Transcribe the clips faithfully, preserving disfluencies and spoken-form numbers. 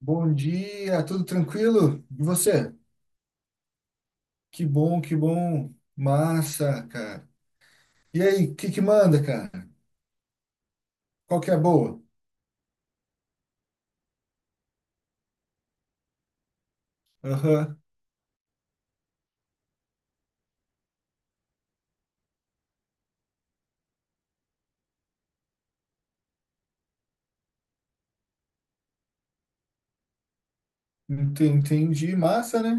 Bom dia, tudo tranquilo? E você? Que bom, que bom. Massa, cara. E aí, o que que manda, cara? Qual que é a boa? Aham, ente- entendi. Massa, né?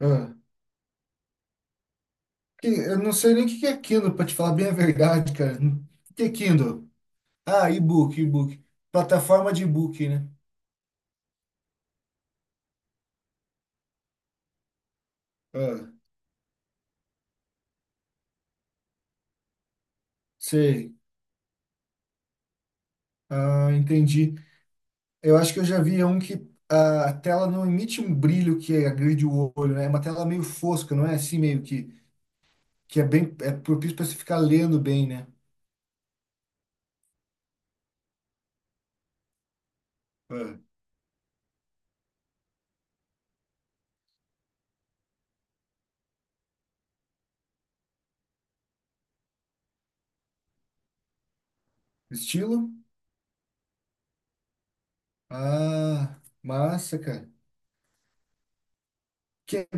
Ah, que- eu não sei nem o que que é Kindle, pra te falar bem a verdade, cara. O que é Kindle? Ah, e-book, e-book. Plataforma de e-book, né? Ah, sei. Ah, entendi. Eu acho que eu já vi um que a tela não emite um brilho que agride o olho, né? É uma tela meio fosca, não é assim meio que. que é bem, é propício para você ficar lendo bem, né? É. Estilo? Ah, massa, cara. Que,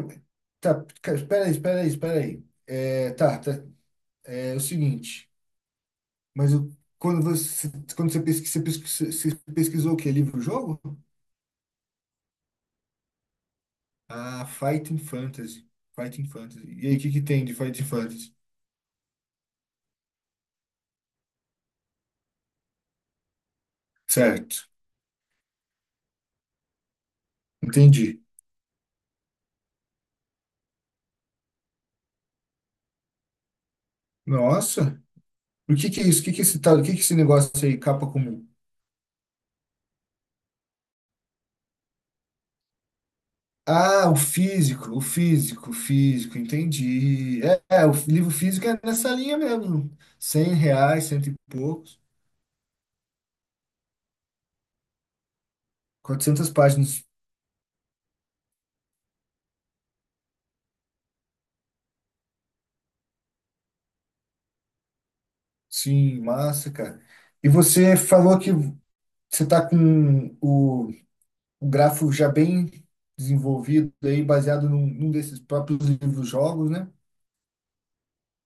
tá, cara, espera aí, espera aí, espera aí. É, tá, tá, é o seguinte, mas o- quando você, quando você pesquisa, você pesquisa- você pesquisou o quê? Livro-jogo? Ah, Fighting Fantasy. Fighting Fantasy. E aí, o que que tem de Fighting Fantasy? Certo, entendi. Nossa, o que que é isso? O que que é esse tal? O que que é esse negócio aí, capa comum? Ah, o físico, o físico, o físico, entendi. É, é, o livro físico é nessa linha mesmo. Cem reais, cento e poucos. quatrocentas páginas. Sim, massa, cara. E você falou que você tá com o, o grafo já bem desenvolvido aí, baseado num, num desses próprios livros-jogos, né?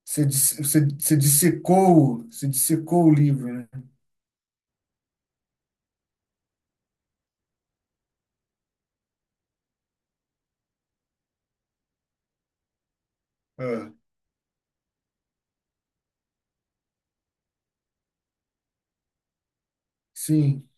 Você, dis- você, você dissecou, você dissecou o livro, né? Ah, sim.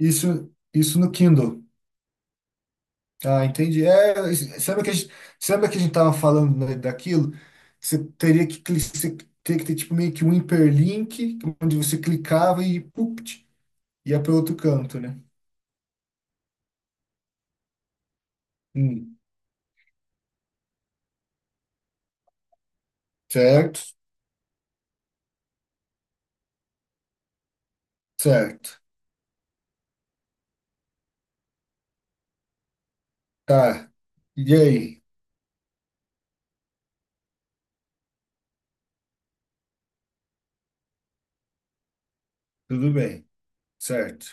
Isso, isso no Kindle. Ah, entendi. É, se lembra que a gente, se lembra que a gente tava falando, né, daquilo? Você teria que, cli- você teria que ter tipo meio que um hiperlink, onde você clicava e pupt, ia para outro canto, né? Hum, certo, certo. Tá. E aí? Tudo bem. Certo.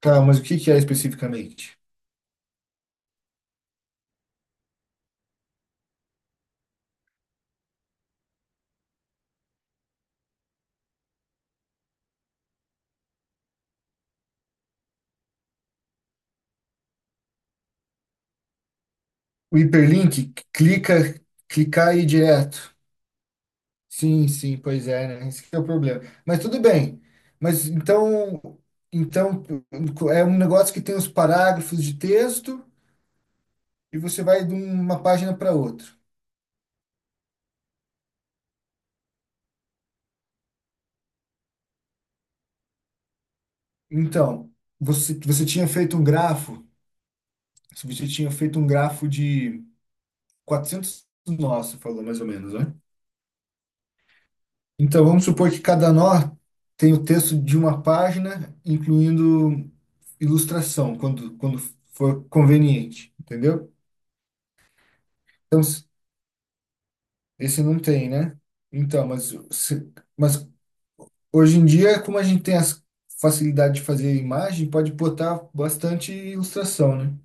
Tá, mas o que que é especificamente? O hiperlink clica, clicar e ir direto. Sim, sim, pois é, né? Esse que é o problema. Mas tudo bem. Mas então, então é um negócio que tem os parágrafos de texto e você vai de uma página para outra. Então, você, você tinha feito um grafo, você tinha feito um grafo de quatrocentos nós, você falou mais ou menos, né? Então, vamos supor que cada nó tem o texto de uma página, incluindo ilustração, quando, quando for conveniente, entendeu? Então, esse não tem, né? Então, mas, se- mas hoje em dia, como a gente tem a facilidade de fazer imagem, pode botar bastante ilustração, né?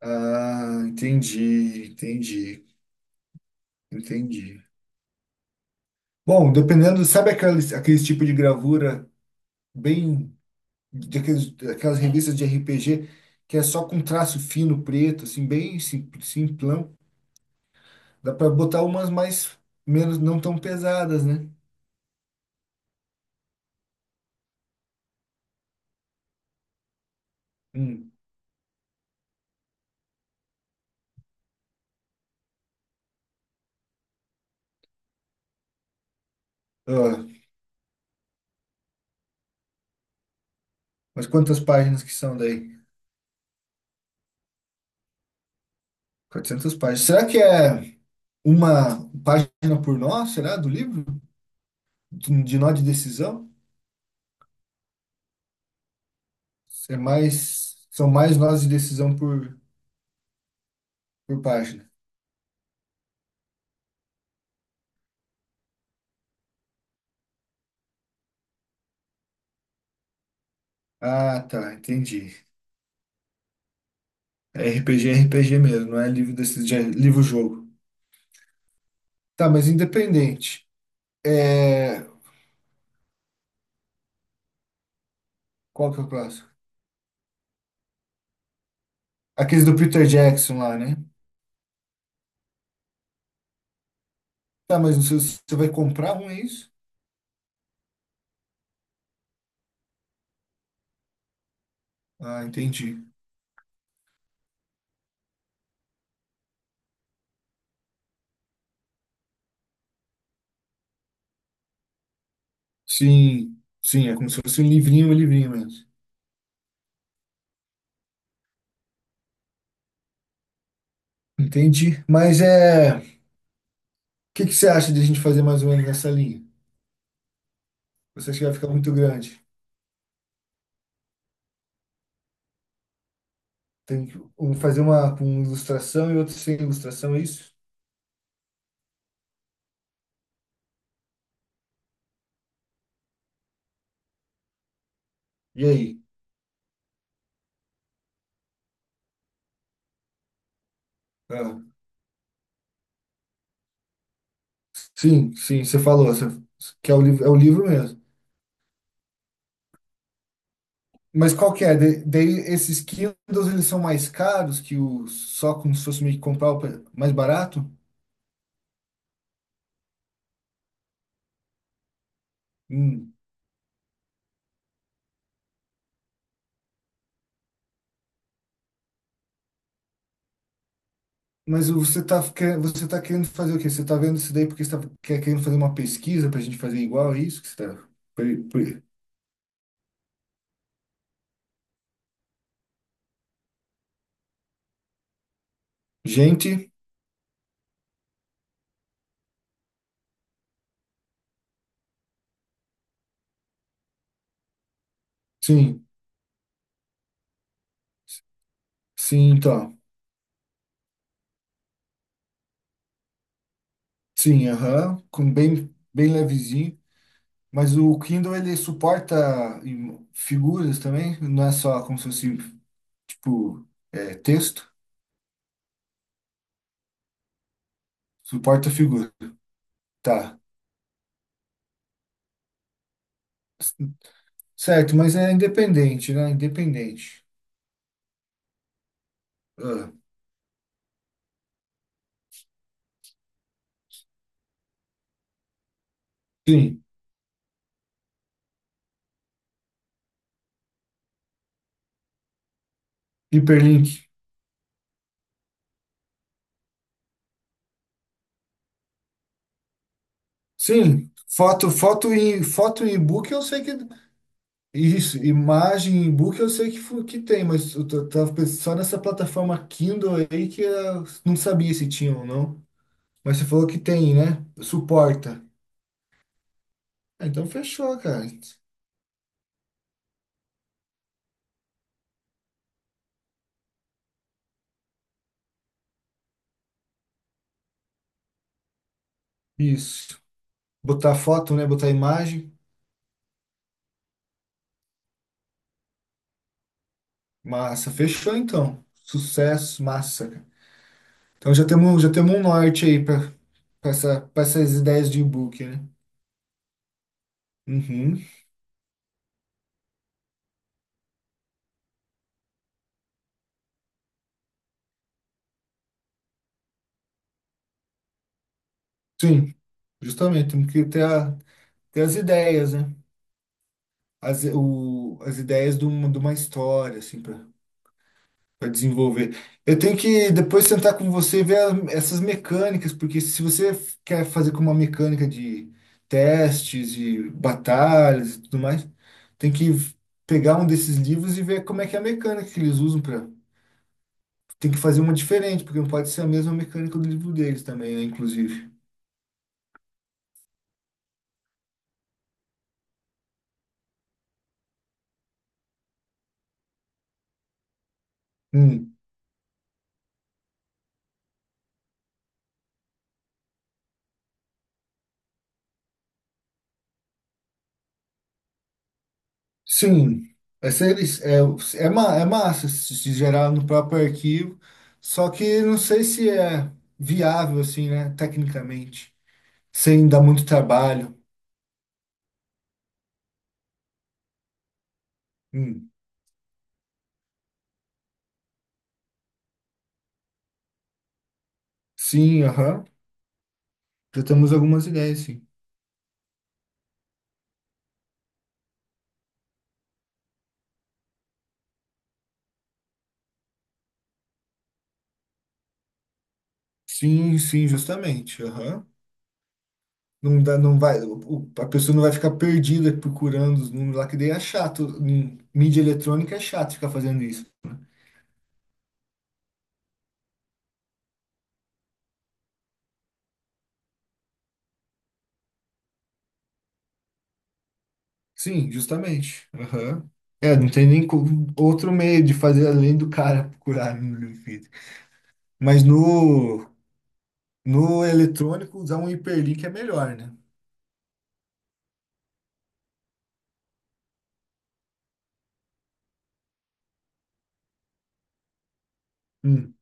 Ah, entendi, entendi, entendi. Bom, dependendo, sabe aqueles, aqueles tipo de gravura bem daqueles, daquelas revistas de R P G que é só com traço fino preto, assim, bem sim- simplão, dá para botar umas mais menos não tão pesadas, né? Hum. Ah, mas quantas páginas que são daí? quatrocentas páginas. Será que é uma página por nó, será, do livro? De nó de decisão? É mais, são mais nós de decisão por, por página. Ah, tá, entendi. É RPG, R P G mesmo, não é livro desse, de, livro-jogo. Tá, mas independente. É, qual que é o próximo? Aqueles do Peter Jackson lá, né? Tá, mas você, você vai comprar um, é isso? Ah, entendi. Sim, sim, é como se fosse um livrinho, um livrinho mesmo. Entendi. Mas é. que que você acha de a gente fazer mais ou menos nessa linha? Você acha que vai ficar muito grande? Tem que um fazer uma com ilustração e outro sem ilustração, é isso? E aí? Ah, sim, sim, você falou, você, que é o livro, é o livro mesmo. Mas qual que é? Da- Daí esses Kindles, eles são mais caros que o só como se fosse meio que comprar o pe- mais barato? Hum. Mas você tá, quer- você tá querendo fazer o quê? Você tá vendo isso daí porque você tá, quer, querendo fazer uma pesquisa pra gente fazer igual, é isso que você tá... pre- pre- Gente, sim. Sim, tá. Sim, aham, com bem, bem levezinho. Mas o Kindle, ele suporta im- figuras também? Não é só como se fosse, tipo, é, texto? Suporta figura. Tá. Certo, mas é independente, né? Independente. Ah, sim, hiperlink. Sim, foto, foto e foto e e-book, eu sei que isso, imagem e e-book eu sei que fu- que tem, mas eu t- tava pensando só nessa plataforma Kindle aí que eu não sabia se tinha ou não. Mas você falou que tem, né? Suporta. Ah, então fechou, cara. Isso. Botar foto, né? Botar imagem. Massa. Fechou então. Sucesso, massa, cara. Então já temos, já temos um norte aí para essa, para essas ideias de e-book, né? Uhum. Sim, justamente. Temos que ter, a, ter as ideias, né? As, o, as ideias de uma, de uma história, assim, para desenvolver. Eu tenho que depois sentar com você e ver a- essas mecânicas, porque se você f- quer fazer com uma mecânica de testes e batalhas e tudo mais, tem que v- pegar um desses livros e ver como é que é a mecânica que eles usam para. Tem que fazer uma diferente, porque não pode ser a mesma mecânica do livro deles também, né, inclusive. Hum, Sim, essa eles- é, é, ma- é massa se se gerar no próprio arquivo, só que não sei se é viável assim, né, tecnicamente. Sem dar muito trabalho. Hum. Sim, aham. Já temos algumas ideias, sim. Sim, sim, justamente. Aham. Não dá, não vai, o- o- a pessoa não vai ficar perdida procurando os números lá, que daí é chato. Em mídia eletrônica é chato ficar fazendo isso. Sim, justamente. Aham. É, não tem nem co- outro meio de fazer além do cara procurar no livro. Mas no, no eletrônico, usar um hiperlink é melhor, né? Hum.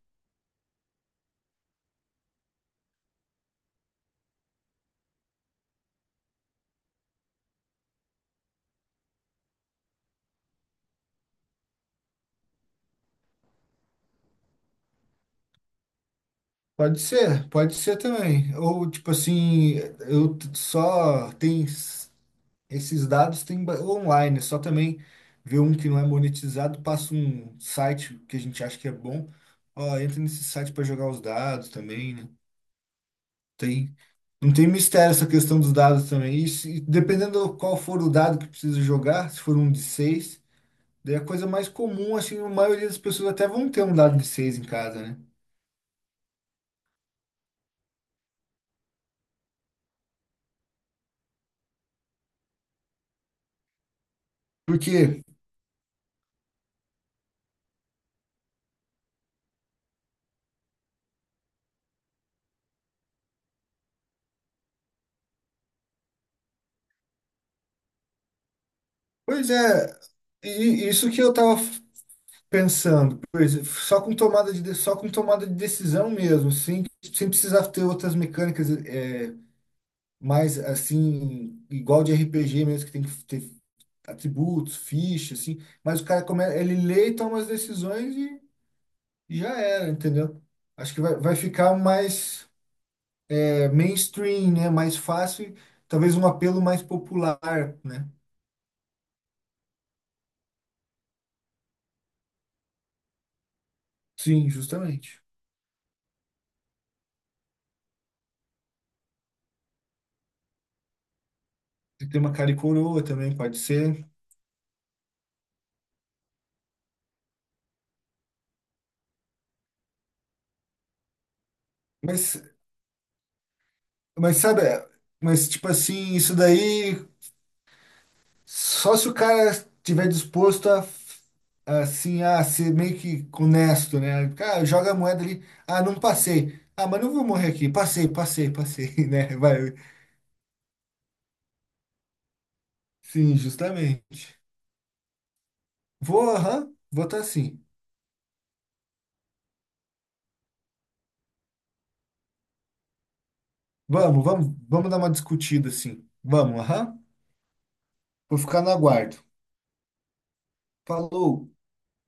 Pode ser, pode ser também. Ou tipo assim, eu t- só tem esses dados, tem ba- online, é só também ver um que não é monetizado, passa um site que a gente acha que é bom. Ó, entra nesse site para jogar os dados também, né? Tem, não tem mistério essa questão dos dados também. E, se- dependendo do qual for o dado que precisa jogar, se for um de seis, daí é a coisa mais comum, assim, a maioria das pessoas até vão ter um dado de seis em casa, né? porque Pois é, e isso que eu tava pensando, pois, é, só com tomada de, de- só com tomada de decisão mesmo, sem, sem precisar ter outras mecânicas é, mais assim, igual de R P G mesmo, que tem que ter atributos, fichas, assim, mas o cara começa, ele lê e toma as decisões e, e já era, entendeu? Acho que vai, vai ficar mais é, mainstream, né? Mais fácil, talvez um apelo mais popular, né? Sim, justamente. E tem uma cara e coroa também, pode ser. Mas, mas sabe, mas tipo assim, isso daí só se o cara tiver disposto a assim a ser meio que honesto, né? Cara, joga a moeda ali, ah, não passei. Ah, mas não vou morrer aqui. Passei, passei, passei, né? Vai. Sim, justamente. Vou, aham, vou estar assim. Vamos, vamos, vamos dar uma discutida assim. Vamos, aham. Vou ficar no aguardo. Falou.